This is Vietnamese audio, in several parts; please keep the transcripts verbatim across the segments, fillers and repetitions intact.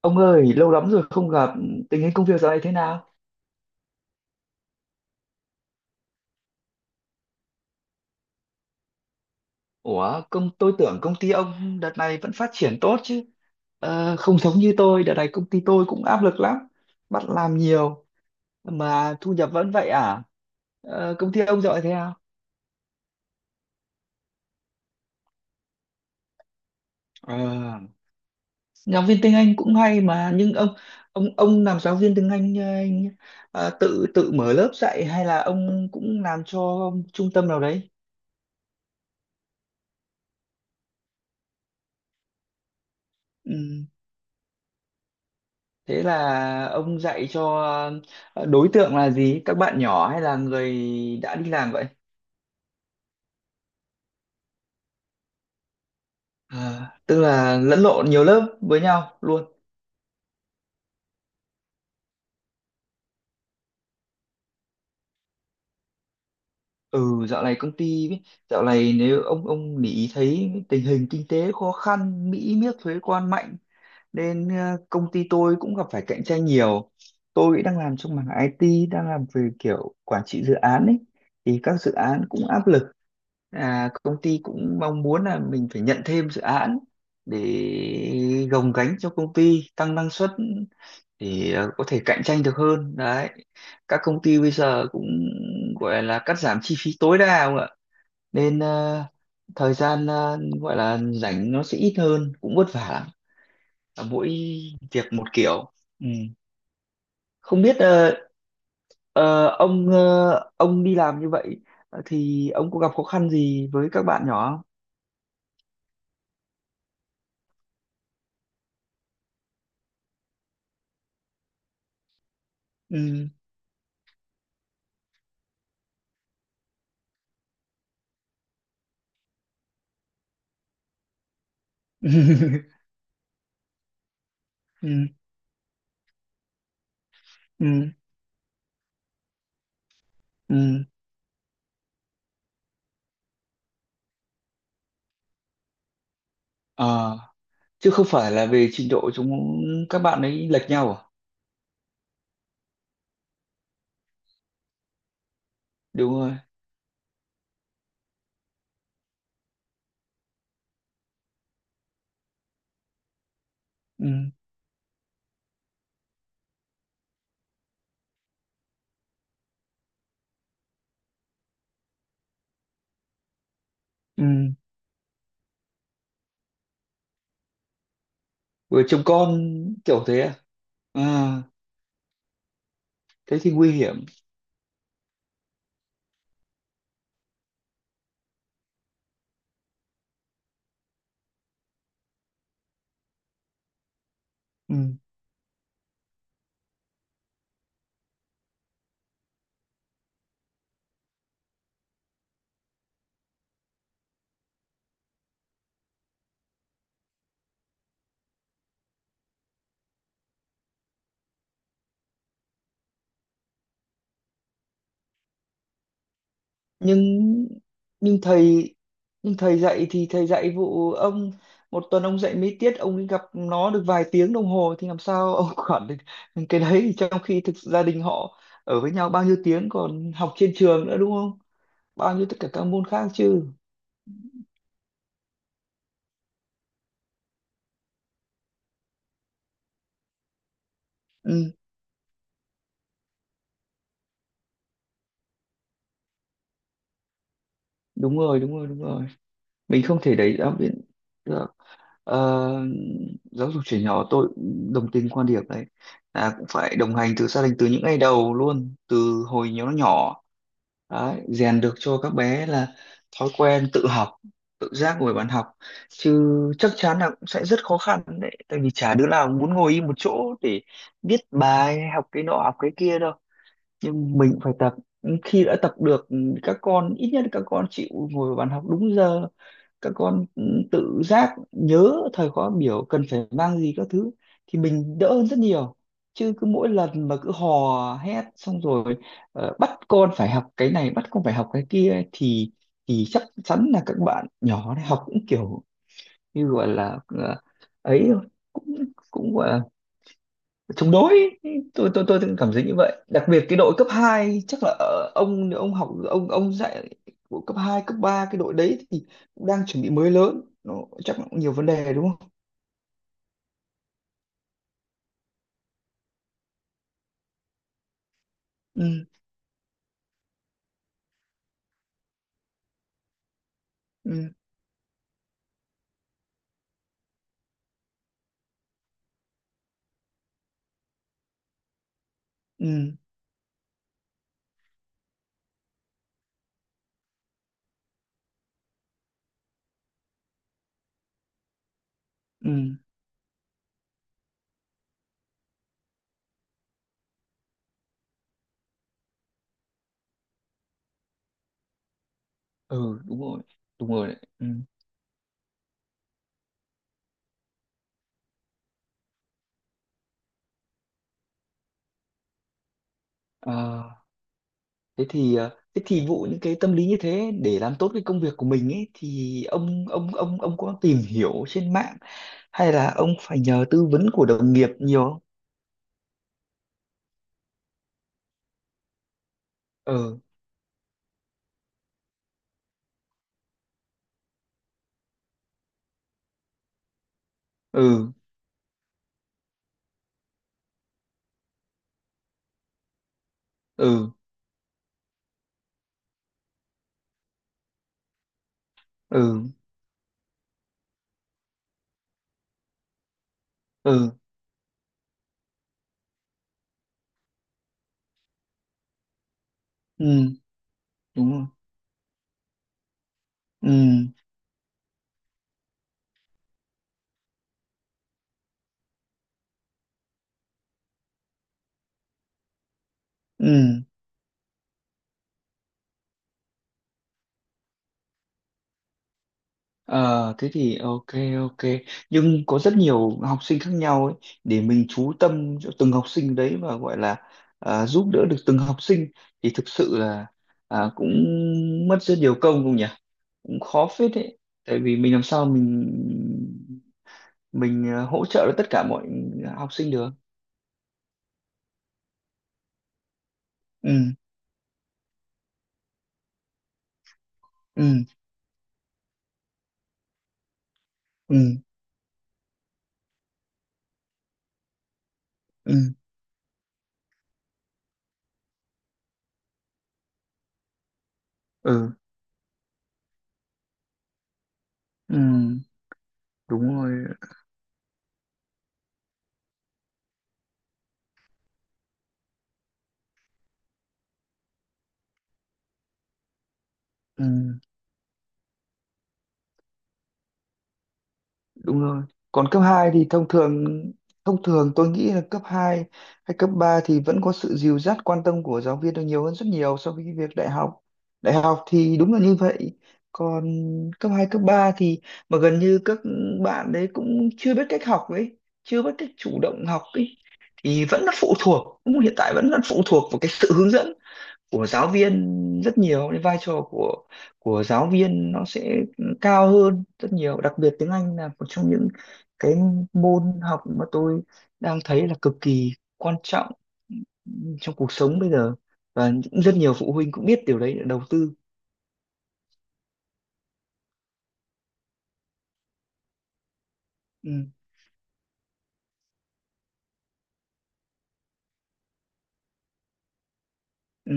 Ông ơi, lâu lắm rồi không gặp, tình hình công việc dạo này thế nào? Ủa, công tôi tưởng công ty ông đợt này vẫn phát triển tốt chứ. Ờ, không giống như tôi, đợt này công ty tôi cũng áp lực lắm, bắt làm nhiều mà thu nhập vẫn vậy à? Ờ, công ty ông dạo này thế nào? Ờ, giáo viên tiếng Anh cũng hay mà, nhưng ông ông ông làm giáo viên tiếng Anh ờ, anh, ờ, tự tự mở lớp dạy hay là ông cũng làm cho trung tâm nào đấy? Ừ. Thế là ông dạy cho ờ, đối tượng là gì? Các bạn nhỏ hay là người đã đi làm vậy? À, tức là lẫn lộn nhiều lớp với nhau luôn. Ừ, dạo này công ty ấy, dạo này nếu ông ông để ý thấy tình hình kinh tế khó khăn, Mỹ miết thuế quan mạnh nên ờ, công ty tôi cũng gặp phải cạnh tranh nhiều. Tôi đang làm trong mảng i tê, đang làm về kiểu quản trị dự án ấy thì các dự án cũng áp lực, à, công ty cũng mong muốn là mình phải nhận thêm dự án để gồng gánh cho công ty tăng năng suất để ờ, có thể cạnh tranh được hơn đấy, các công ty bây giờ cũng gọi là cắt giảm chi phí tối đa không ạ, nên ờ, thời gian ờ, gọi là rảnh nó sẽ ít hơn, cũng vất vả lắm. Và mỗi việc một kiểu. Ừ. Không biết ờ, ờ, ông ờ, ông đi làm như vậy ờ, thì ông có gặp khó khăn gì với các bạn nhỏ không? Ừ. Ừ. Ừ. Ừ. À, chứ không phải là về trình độ chúng, các bạn ấy lệch nhau à? Đúng rồi. Ừ. Ừ. Vừa chồng con kiểu thế à? À, thế thì nguy hiểm. Ừ. nhưng nhưng thầy nhưng thầy dạy thì thầy dạy vụ ông, một tuần ông dạy mấy tiết, ông ấy gặp nó được vài tiếng đồng hồ thì làm sao ông quản được cái đấy, trong khi thực sự gia đình họ ở với nhau bao nhiêu tiếng, còn học trên trường nữa, đúng không, bao nhiêu tất cả các môn khác chứ. Ừ. Đúng rồi, đúng rồi, đúng rồi, mình không thể đẩy giáo viên được. Ờ, giáo dục trẻ nhỏ tôi cũng đồng tình quan điểm đấy, là cũng phải đồng hành từ gia đình từ những ngày đầu luôn, từ hồi nhỏ nó nhỏ đấy, rèn được cho các bé là thói quen tự học, tự giác ngồi bàn học chứ. Chắc chắn là cũng sẽ rất khó khăn đấy, tại vì chả đứa nào muốn ngồi im một chỗ để viết bài, học cái nọ học cái kia đâu, nhưng mình cũng phải tập. Khi đã tập được ừ, các con ít nhất là các con chịu ngồi vào bàn học đúng giờ, các con ừ, tự giác nhớ thời khóa biểu cần phải mang gì các thứ thì mình đỡ hơn rất nhiều. Chứ cứ mỗi lần mà cứ hò hét xong rồi ờ, bắt con phải học cái này bắt con phải học cái kia ấy, thì thì chắc chắn là các bạn nhỏ này học cũng kiểu như gọi là ờ, ấy thôi, cũng cũng gọi là chống đối. Tôi tôi tôi cảm thấy như vậy, đặc biệt cái đội cấp hai chắc là ờ, ông ông học ông ông dạy của cấp hai cấp ba cái đội đấy thì cũng đang chuẩn bị mới lớn, nó chắc là cũng nhiều vấn đề đúng không. Ừ. Ừ. Ừ. Ừ. Ừ. Đúng rồi, đúng rồi đấy. Ừ. À, thế thì ờ, thế thì vụ những cái tâm lý như thế để làm tốt cái công việc của mình ấy thì ông ông ông ông có tìm hiểu trên mạng hay là ông phải nhờ tư vấn của đồng nghiệp nhiều không? Ừ. Ừ. Ừ. Ừ. Ừ. Ừ. Đúng rồi. Ừ. Ừ. Ờ thế thì ok, ok, nhưng có rất nhiều học sinh khác nhau ấy, để mình chú tâm cho từng học sinh đấy và gọi là à, giúp đỡ được từng học sinh thì thực sự là à, cũng mất rất nhiều công không nhỉ, cũng khó phết đấy, tại vì mình làm sao mình mình à, hỗ trợ được tất cả mọi học sinh được. Ừ. Ừ. Ừ. Ừ. Ừ. Ừ. Đúng rồi. Ừ. Đúng rồi. Còn cấp hai thì thông thường, thông thường tôi nghĩ là cấp hai hay cấp ba thì vẫn có sự dìu dắt quan tâm của giáo viên là nhiều hơn rất nhiều so với cái việc đại học. Đại học thì đúng là như vậy. Còn cấp hai cấp ba thì mà gần như các bạn đấy cũng chưa biết cách học ấy, chưa biết cách chủ động học ấy, thì vẫn là phụ thuộc, cũng hiện tại vẫn là phụ thuộc vào cái sự hướng dẫn của giáo viên, rất nhiều, cái vai trò của của giáo viên nó sẽ cao hơn rất nhiều, đặc biệt tiếng Anh là một trong những cái môn học mà tôi đang thấy là cực kỳ quan trọng trong cuộc sống bây giờ, và cũng rất nhiều phụ huynh cũng biết điều đấy để đầu tư. Ừ. Ừ.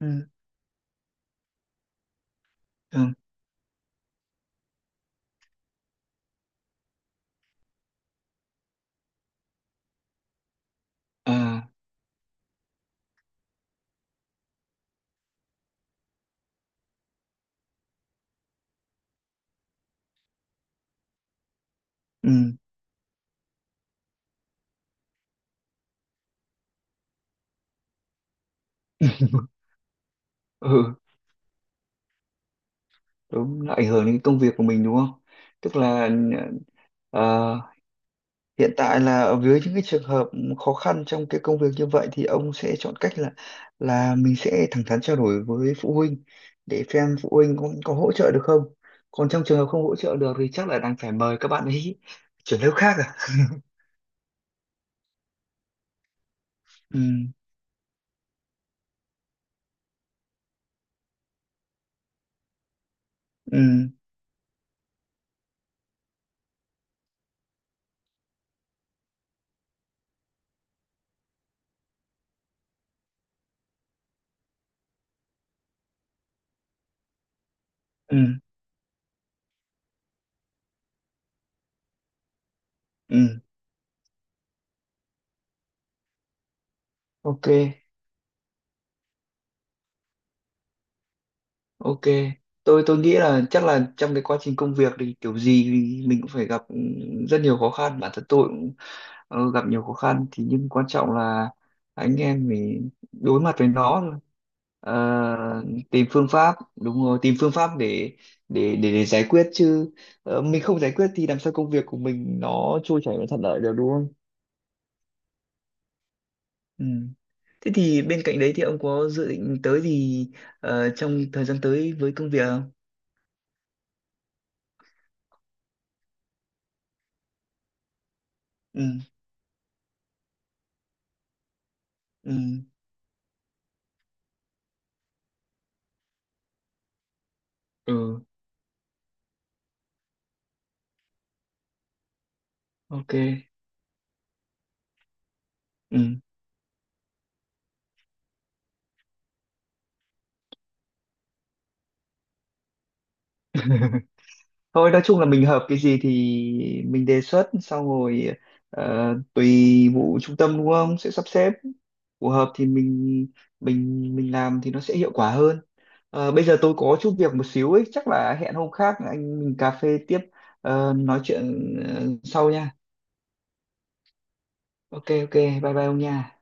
Ừ. Ừ. À. Ừ. Ừ, đúng, nó ảnh hưởng đến công việc của mình đúng không, tức là ờ, hiện tại là ở dưới những cái trường hợp khó khăn trong cái công việc như vậy thì ông sẽ chọn cách là là mình sẽ thẳng thắn trao đổi với phụ huynh để xem phụ huynh có, có hỗ trợ được không. Còn trong trường hợp không hỗ trợ được thì chắc là đang phải mời các bạn ấy chuyển lớp khác à. Ừ. Ừ. Ừ. Ừ. Ok, ok. Tôi tôi nghĩ là chắc là trong cái quá trình công việc thì kiểu gì thì mình cũng phải gặp ừ, rất nhiều khó khăn. Bản thân tôi cũng ừ, gặp nhiều khó khăn thì, nhưng quan trọng là anh em mình đối mặt với nó thôi. Ờ, tìm phương pháp, đúng rồi, tìm phương pháp để để để, để giải quyết chứ, ờ, mình không giải quyết thì làm sao công việc của mình nó trôi chảy và thuận lợi được đúng không. Ừ. Thế thì bên cạnh đấy thì ông có dự định tới gì ờ, trong thời gian tới với công việc không? Ừ. Ừ. Ừ. Ok. Ừ. Thôi nói chung là mình hợp cái gì thì mình đề xuất sau rồi ờ, tùy vụ trung tâm đúng không sẽ sắp xếp phù hợp thì mình mình mình làm thì nó sẽ hiệu quả hơn. Ờ, bây giờ tôi có chút việc một xíu ấy, chắc là hẹn hôm khác anh mình cà phê tiếp, ờ, nói chuyện ờ, sau nha. Ok, ok, bye bye ông nha.